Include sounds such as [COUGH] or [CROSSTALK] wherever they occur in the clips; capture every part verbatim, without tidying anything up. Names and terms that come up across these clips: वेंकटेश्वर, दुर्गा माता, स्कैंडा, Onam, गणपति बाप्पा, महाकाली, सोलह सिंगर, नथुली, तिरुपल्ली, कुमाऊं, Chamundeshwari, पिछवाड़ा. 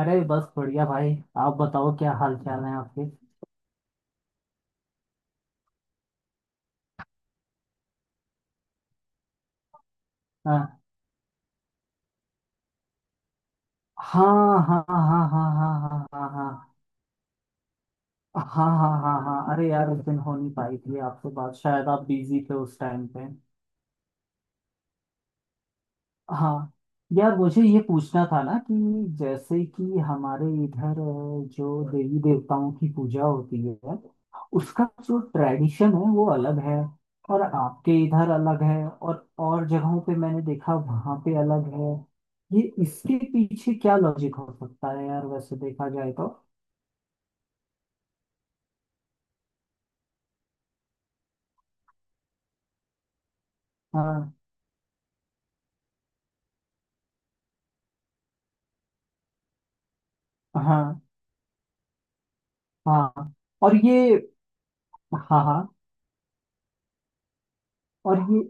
अरे बस बढ़िया भाई। आप बताओ क्या हाल चाल है आपके। हाँ, हाँ, हाँ, हाँ, हाँ, हाँ, हाँ, हाँ, हाँ, हाँ, हाँ, हाँ, हाँ, हाँ। अरे यार, उस दिन हो नहीं पाई थी आपसे बात, शायद आप बिजी थे उस टाइम पे। हाँ। यार, मुझे ये पूछना था ना कि जैसे कि हमारे इधर, अ, जो देवी देवताओं की पूजा होती है उसका जो ट्रेडिशन है वो अलग है, और आपके इधर अलग है, और और जगहों पे मैंने देखा वहाँ पे अलग है। ये इसके पीछे क्या लॉजिक हो सकता है यार, वैसे देखा जाए तो। हाँ, हाँ, हाँ। और ये। हाँ, हाँ। और ये।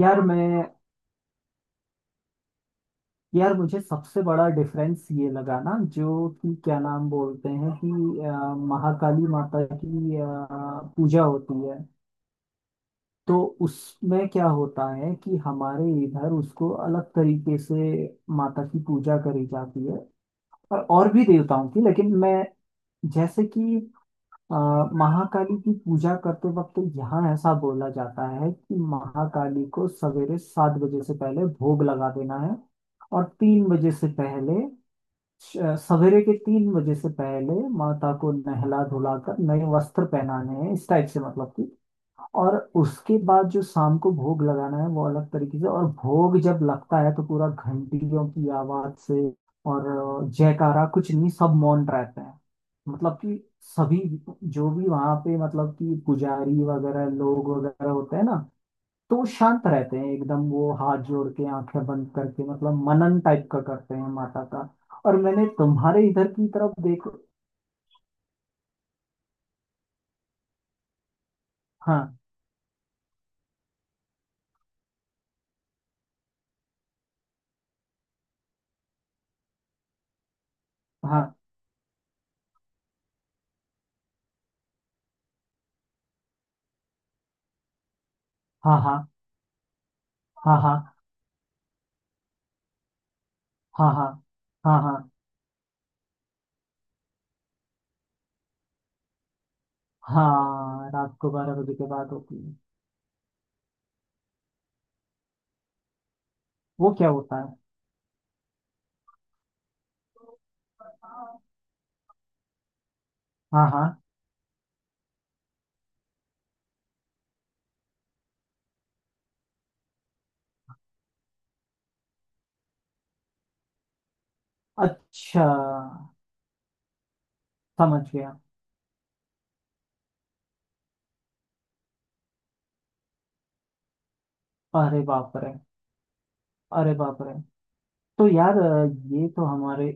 यार मैं यार, मुझे सबसे बड़ा डिफरेंस ये लगा ना, जो कि क्या नाम बोलते हैं कि अ, महाकाली माता की अ, पूजा होती है। तो उसमें क्या होता है कि हमारे इधर उसको अलग तरीके से माता की पूजा करी जाती है, और और भी देवताओं की, लेकिन मैं, जैसे कि अ, महाकाली की पूजा करते वक्त यहाँ ऐसा बोला जाता है कि महाकाली को सवेरे सात बजे से पहले भोग लगा देना है, और तीन बजे से पहले श- सवेरे के तीन बजे से पहले माता को नहला धुलाकर नए वस्त्र पहनाने हैं, इस टाइप से मतलब कि। और उसके बाद जो शाम को भोग लगाना है वो अलग तरीके से, और भोग जब लगता है तो पूरा घंटियों की आवाज से, और अ, जयकारा कुछ नहीं, सब मौन रहते हैं। मतलब कि सभी जो भी वहां पे, मतलब कि पुजारी वगैरह लोग वगैरह होते हैं ना, तो वो शांत रहते हैं एकदम, वो हाथ जोड़ के आंखें बंद करके मतलब मनन टाइप का करते हैं माता का। और मैंने तुम्हारे इधर की तरफ देखो। हाँ, हाँ, हाँ, हाँ, हाँ, हाँ, हाँ, हाँ, हाँ, हाँ। हाँ, रात को बारह बजे के बाद होती है। वो क्या होता है? हाँ, हाँ। अच्छा, समझ गया। अरे बाप रे! अरे बाप रे! तो यार, अ, ये तो हमारे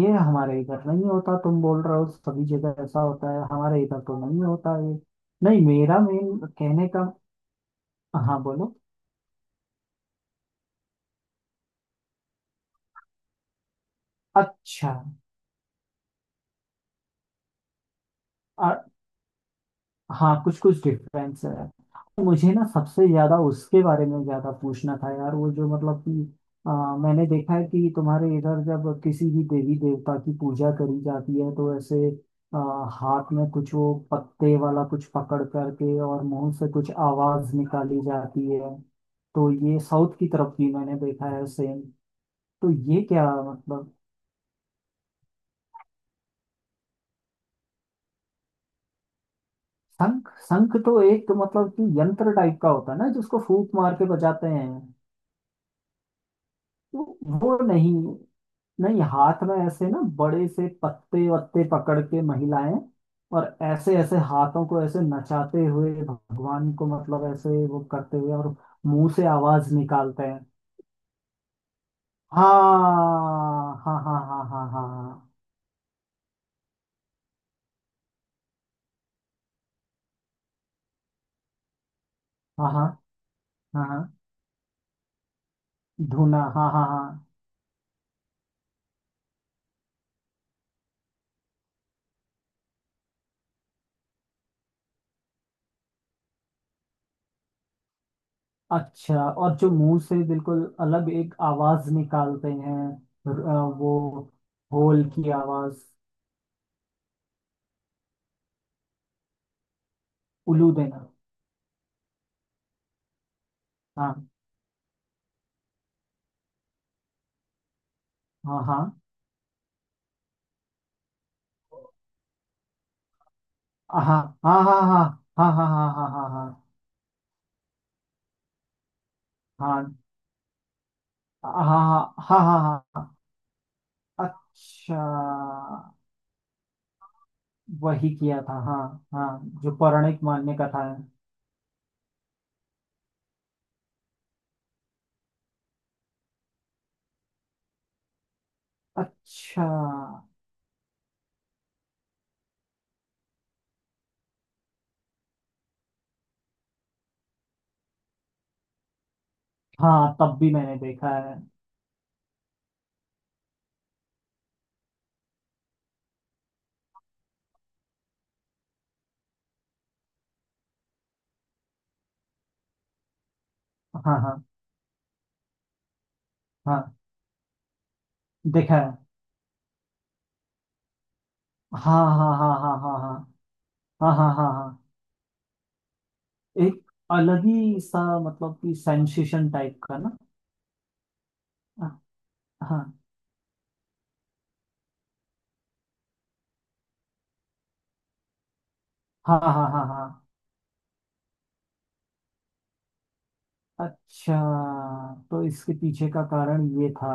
ये हमारे इधर नहीं होता। तुम बोल रहे हो सभी जगह ऐसा होता है, हमारे इधर तो नहीं होता ये। नहीं, मेरा मेन कहने का। हाँ, बोलो। अच्छा। हाँ, कुछ कुछ डिफरेंस है, मुझे ना सबसे ज्यादा उसके बारे में ज्यादा पूछना था यार, वो जो मतलब कि आ, मैंने देखा है कि तुम्हारे इधर जब किसी भी देवी देवता की पूजा करी जाती है तो ऐसे आ, हाथ में कुछ वो पत्ते वाला कुछ पकड़ करके और मुंह से कुछ आवाज निकाली जाती है, तो ये साउथ की तरफ भी मैंने देखा है सेम। तो ये क्या मतलब? शंख, शंख तो एक मतलब कि यंत्र टाइप का होता है ना जिसको फूंक मार के बजाते हैं। वो वो नहीं, नहीं, हाथ में ऐसे ना बड़े से पत्ते वत्ते पकड़ के महिलाएं, और ऐसे ऐसे हाथों को ऐसे नचाते हुए भगवान को मतलब ऐसे वो करते हुए, और मुंह से आवाज निकालते हैं। हाँ, हाँ, हाँ, हाँ, हाँ, हाँ, हाँ, हाँ, हाँ, हाँ, हाँ, धुना, हाँ, हाँ, हाँ। अच्छा, और जो मुंह से बिल्कुल अलग एक आवाज निकालते हैं, र- अ, वो होल की आवाज। उलू देना। हाँ, हाँ, हाँ, हाँ, हाँ, हाँ, हाँ, हाँ, हाँ, हाँ, हाँ, हाँ, हाँ, हाँ, हाँ, हाँ, हाँ, हाँ, हाँ। अच्छा, वही किया था। हाँ, हाँ, जो पौराणिक मान्य कथा है। अच्छा। हाँ, तब भी मैंने देखा है। हाँ, हाँ, हाँ, देखा है। हाँ, हाँ, हाँ, हाँ, हाँ, हाँ, हाँ, हाँ, हाँ, हाँ। एक अलग ही सा मतलब कि सेंसेशन टाइप का ना। हाँ, हाँ, हाँ, हाँ, हाँ, हाँ। अच्छा, तो इसके पीछे का कारण ये था।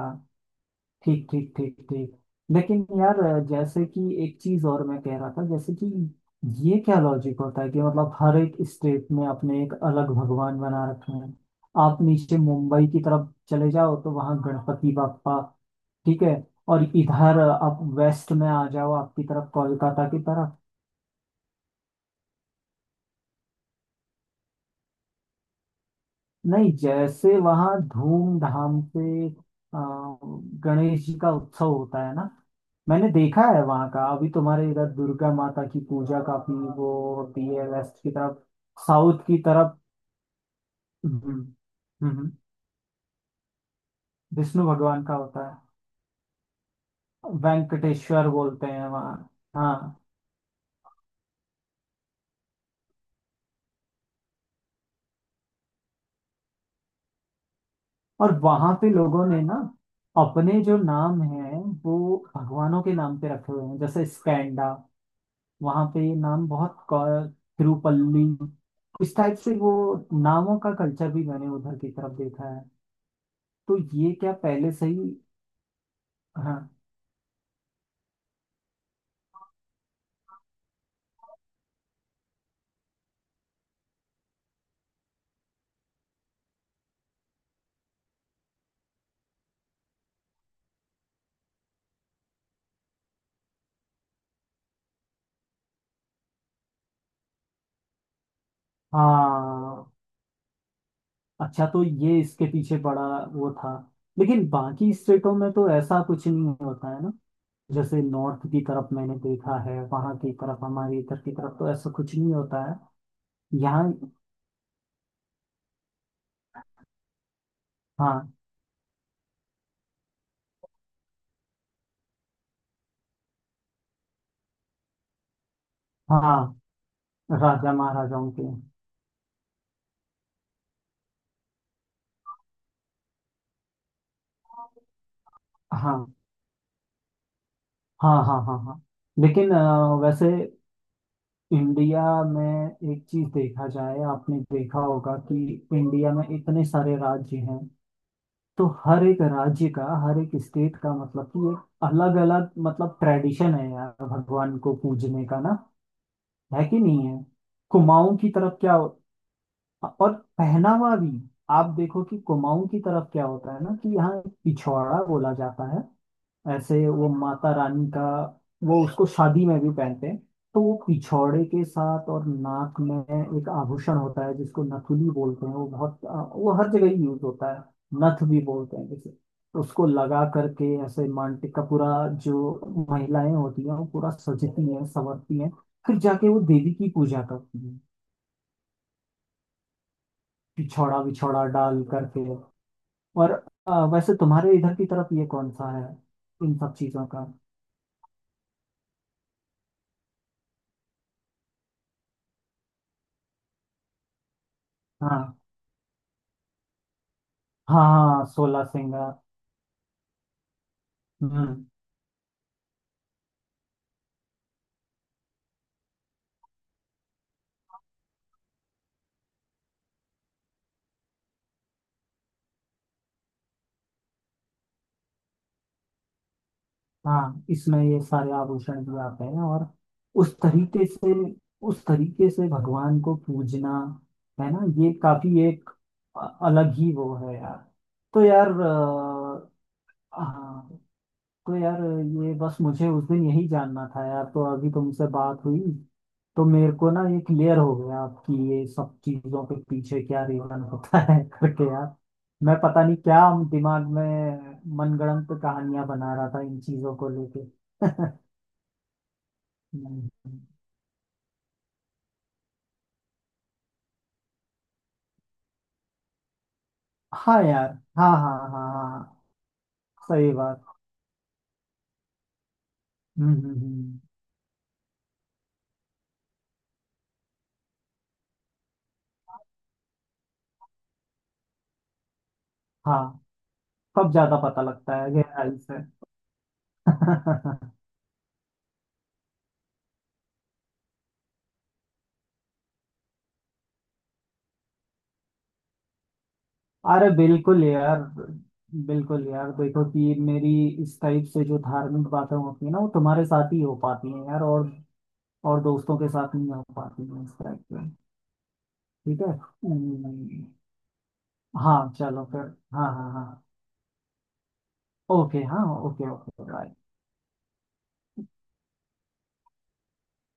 ठीक, ठीक, ठीक, ठीक। लेकिन यार, जैसे कि एक चीज और मैं कह रहा था, जैसे कि ये क्या लॉजिक होता है कि मतलब हर एक स्टेट में अपने एक अलग भगवान बना रखे हैं। आप नीचे मुंबई की तरफ चले जाओ तो वहाँ गणपति बाप्पा। ठीक है। और इधर आप वेस्ट में आ जाओ, आपकी तरफ, कोलकाता की तरफ। नहीं, जैसे वहाँ धूमधाम से अ, गणेश जी का उत्सव होता है ना, मैंने देखा है वहां का। अभी तुम्हारे इधर दुर्गा माता की पूजा काफी वो होती है, वेस्ट की तरफ। साउथ की तरफ। हम्म। हम्म, विष्णु भगवान का होता है, वेंकटेश्वर बोलते हैं वहाँ। हाँ। और वहां पे लोगों ने ना अपने जो नाम है वो भगवानों के नाम पे रखे हुए हैं, जैसे स्कैंडा, वहां पे ये नाम बहुत क- तिरुपल्ली, इस टाइप से वो नामों का कल्चर भी मैंने उधर की तरफ देखा है। तो ये क्या पहले से ही? हाँ, हाँ। अच्छा, तो ये इसके पीछे बड़ा वो था। लेकिन बाकी स्टेटों में तो ऐसा कुछ नहीं होता है ना, जैसे नॉर्थ की तरफ मैंने देखा है वहां की तरफ, हमारी इधर की तरफ तो ऐसा कुछ नहीं होता है। यहाँ। हाँ, हाँ, राजा महाराजाओं के। हाँ, हाँ, हाँ, हाँ, हाँ। लेकिन अ, वैसे इंडिया में एक चीज देखा जाए, आपने देखा होगा कि इंडिया में इतने सारे राज्य हैं। तो हर एक राज्य का, हर एक स्टेट का मतलब कि एक अलग अलग मतलब ट्रेडिशन है यार, भगवान को पूजने का ना, है कि नहीं है? कुमाऊं की तरफ क्या हो- और पहनावा भी। आप देखो कि कुमाऊं की तरफ क्या होता है ना कि यहाँ पिछवाड़ा बोला जाता है, ऐसे वो माता रानी का। वो उसको शादी में भी पहनते हैं, तो वो पिछौड़े के साथ। और नाक में एक आभूषण होता है जिसको नथुली बोलते हैं, वो बहुत अ, वो हर जगह ही यूज होता है, नथ भी बोलते हैं जैसे। तो उसको लगा करके ऐसे मांटिक का पूरा, जो महिलाएं होती हैं वो पूरा सजती हैं संवरती हैं, फिर जाके वो देवी की पूजा करती हैं, पिछौड़ा विछौड़ा डाल करके। और अ, वैसे तुम्हारे इधर की तरफ ये कौन सा है, इन सब चीजों का? हाँ, हाँ, हाँ, सोलह सिंगर। हम्म, हाँ, इसमें ये सारे आभूषण भी आते हैं, और उस तरीके से, उस तरीके से भगवान को पूजना, है ना? ये काफी एक अ- अलग ही वो है यार। तो यार, अ, हाँ, तो यार, ये बस मुझे उस दिन यही जानना था यार, तो अभी तुमसे बात हुई तो मेरे को ना ये क्लियर हो गया आपकी ये सब चीजों के पीछे क्या रीजन होता है [LAUGHS] करके यार। मैं पता नहीं क्या दिमाग में मनगढ़ंत कहानियां बना रहा था इन चीजों को लेके। [LAUGHS] हम्म, हाँ यार, हाँ, हाँ, हाँ, हाँ, हाँ, सही बात। हम्म, हम्म, हम्म, हाँ, तब ज्यादा पता लगता है गहराई से। [LAUGHS] अरे बिल्कुल यार! बिल्कुल यार, देखो कि मेरी इस टाइप से जो धार्मिक बातें होती है ना वो तुम्हारे साथ ही हो पाती हैं यार, और और दोस्तों के साथ नहीं हो पाती हैं इस टाइप से। ठीक है। हम्म, हाँ, चलो फिर। हाँ, हाँ, हाँ। ओके, हाँ, ओके, ओके।